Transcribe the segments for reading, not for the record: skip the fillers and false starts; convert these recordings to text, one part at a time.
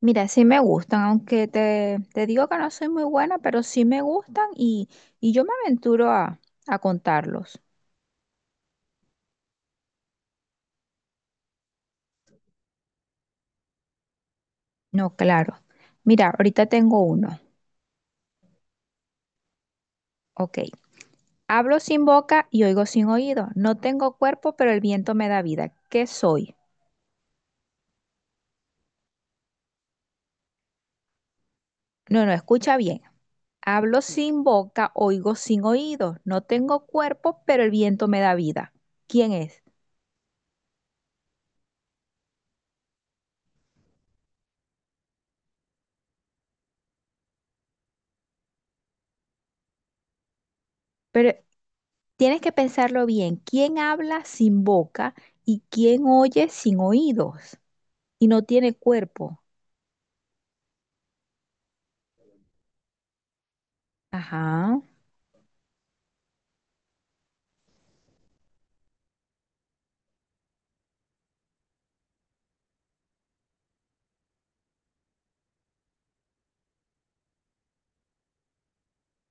Mira, sí me gustan, aunque te digo que no soy muy buena, pero sí me gustan y yo me aventuro a contarlos. No, claro. Mira, ahorita tengo uno. Ok. Hablo sin boca y oigo sin oído. No tengo cuerpo, pero el viento me da vida. ¿Qué soy? No, no, escucha bien. Hablo sin boca, oigo sin oído. No tengo cuerpo, pero el viento me da vida. ¿Quién es? Pero tienes que pensarlo bien. ¿Quién habla sin boca y quién oye sin oídos? Y no tiene cuerpo. Ajá.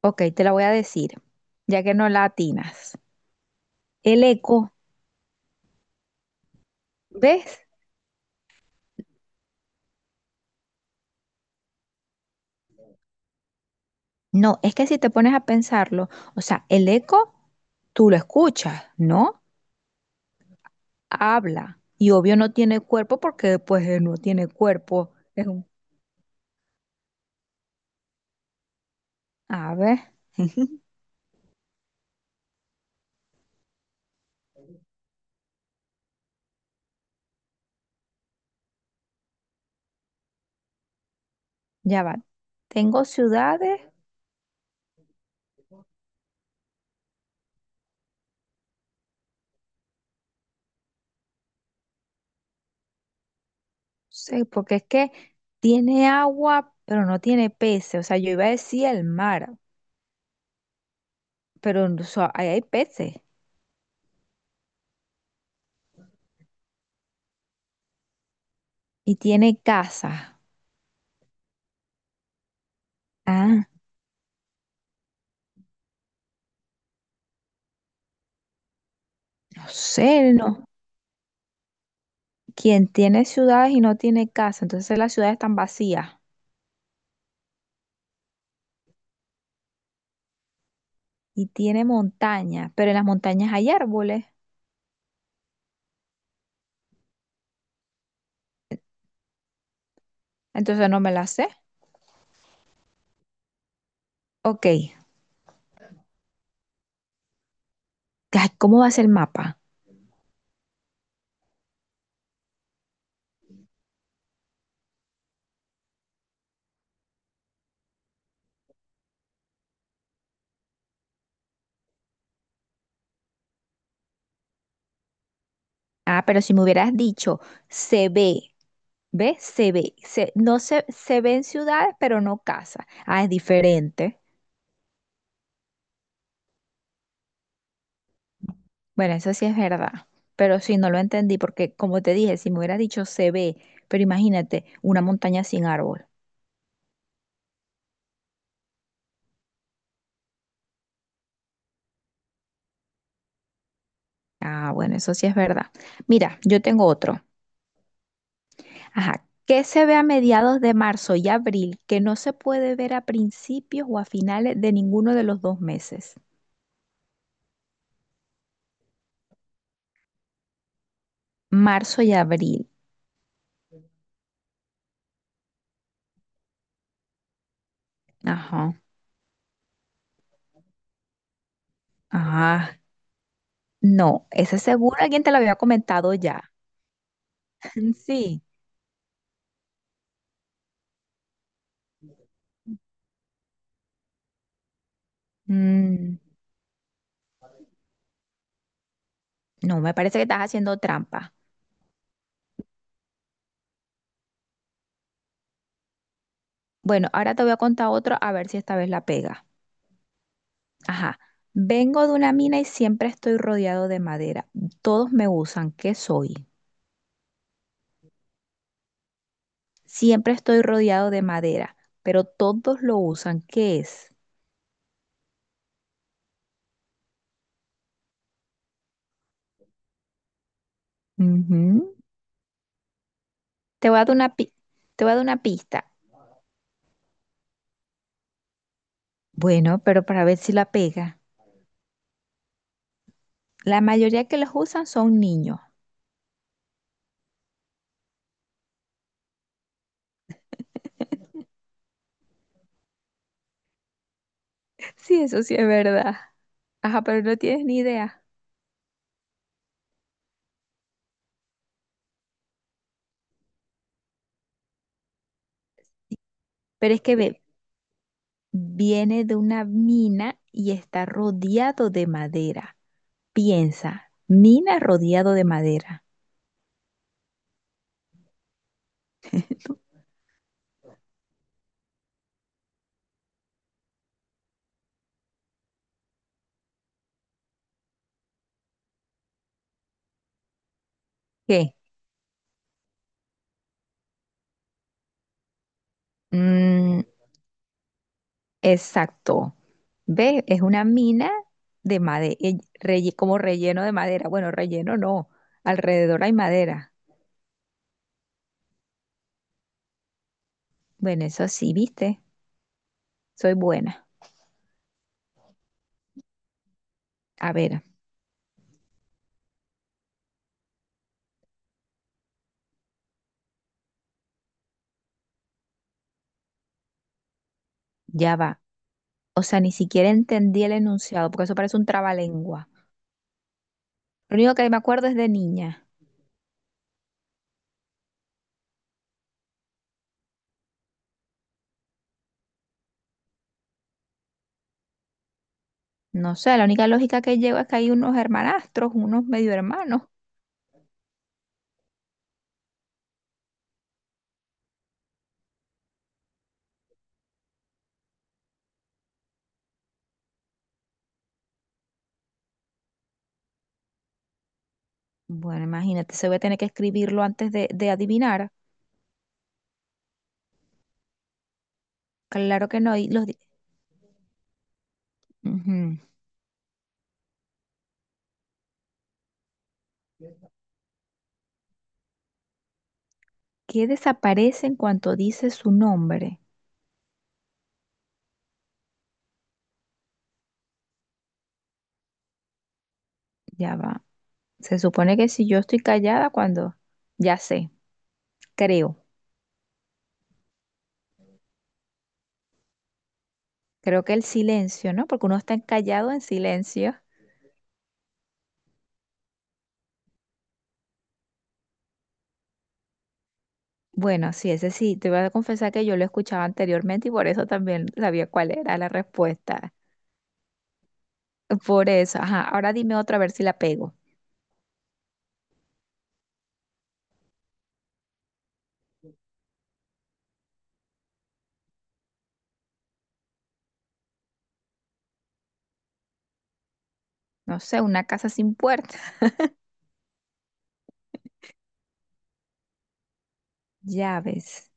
Ok, te la voy a decir, ya que no la atinas. El eco. ¿Ves? No, es que si te pones a pensarlo, o sea, el eco tú lo escuchas, ¿no? Habla. Y obvio no tiene cuerpo porque pues no tiene cuerpo. Es un... A ver, ya va. Tengo ciudades, sí, porque es que tiene agua, pero no tiene peces. O sea, yo iba a decir el mar, pero o sea, ahí hay peces. Y tiene casas. Ah. No sé, no. Quien tiene ciudades y no tiene casa, entonces las ciudades están vacías y tiene montañas, pero en las montañas hay árboles, entonces no me las sé. Ok, ay, ¿cómo va a ser el mapa? Ah, pero si me hubieras dicho, se ve. ¿Ves? Se ve, se, no se, se ven ciudades, pero no casas. Ah, es diferente. Bueno, eso sí es verdad, pero sí, no lo entendí porque como te dije, si me hubieras dicho se ve, pero imagínate una montaña sin árbol. Ah, bueno, eso sí es verdad. Mira, yo tengo otro. Ajá. ¿Qué se ve a mediados de marzo y abril que no se puede ver a principios o a finales de ninguno de los dos meses? Marzo y abril. Ajá. Ajá. No, ese seguro alguien te lo había comentado ya. Sí. Mm, no, me parece que estás haciendo trampa. Bueno, ahora te voy a contar otro a ver si esta vez la pega. Ajá. Vengo de una mina y siempre estoy rodeado de madera. Todos me usan. ¿Qué soy? Siempre estoy rodeado de madera, pero todos lo usan. ¿Qué es? Ujú. Te voy a dar una pi- Te voy a dar una pista. Bueno, pero para ver si la pega. La mayoría que los usan son niños. Sí, eso sí es verdad. Ajá, pero no tienes ni idea. Pero es que ve, viene de una mina y está rodeado de madera. Piensa, mina rodeado de madera. ¿Qué? Mm. Exacto. ¿Ves? Es una mina de madera, como relleno de madera. Bueno, relleno no. Alrededor hay madera. Bueno, eso sí, ¿viste? Soy buena. A ver, ya va. O sea, ni siquiera entendí el enunciado, porque eso parece un trabalengua. Lo único que me acuerdo es de niña. No sé, la única lógica que llevo es que hay unos hermanastros, unos medio hermanos. Bueno, imagínate, se voy a tener que escribirlo antes de adivinar. Claro que no. Y los... di- Ujú. ¿Qué desaparece en cuanto dice su nombre? Ya va. Se supone que si yo estoy callada cuando, ya sé, creo. Creo que el silencio, ¿no? Porque uno está callado en silencio. Bueno, sí, ese sí, te voy a confesar que yo lo escuchaba anteriormente y por eso también sabía cuál era la respuesta. Por eso, ajá, ahora dime otra a ver si la pego. No sé, una casa sin puerta. Llaves.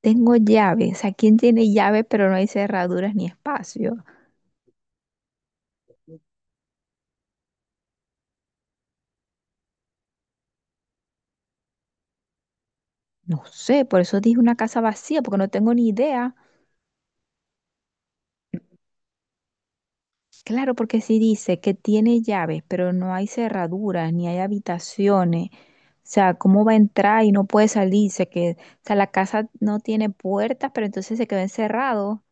Tengo llaves. ¿A quién tiene llave pero no hay cerraduras ni espacio? No sé, por eso dije una casa vacía, porque no tengo ni idea. Claro, porque si dice que tiene llaves, pero no hay cerraduras, ni hay habitaciones. O sea, ¿cómo va a entrar y no puede salirse? Que, o sea, la casa no tiene puertas, pero entonces se quedó encerrado.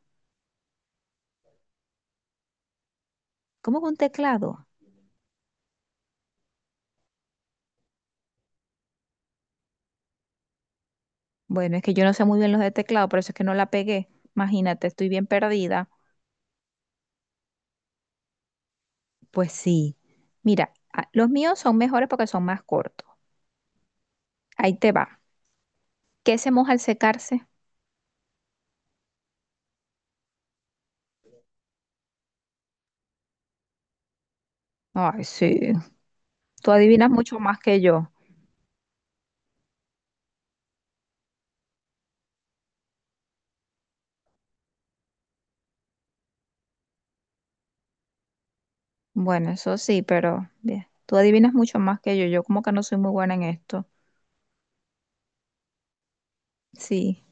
¿Cómo con un teclado? Bueno, es que yo no sé muy bien los de teclado, por eso es que no la pegué. Imagínate, estoy bien perdida. Pues sí. Mira, los míos son mejores porque son más cortos. Ahí te va. ¿Qué se moja al secarse? Ay, sí. Tú adivinas mucho más que yo. Bueno, eso sí, pero bien. Tú adivinas mucho más que yo. Yo como que no soy muy buena en esto. Sí.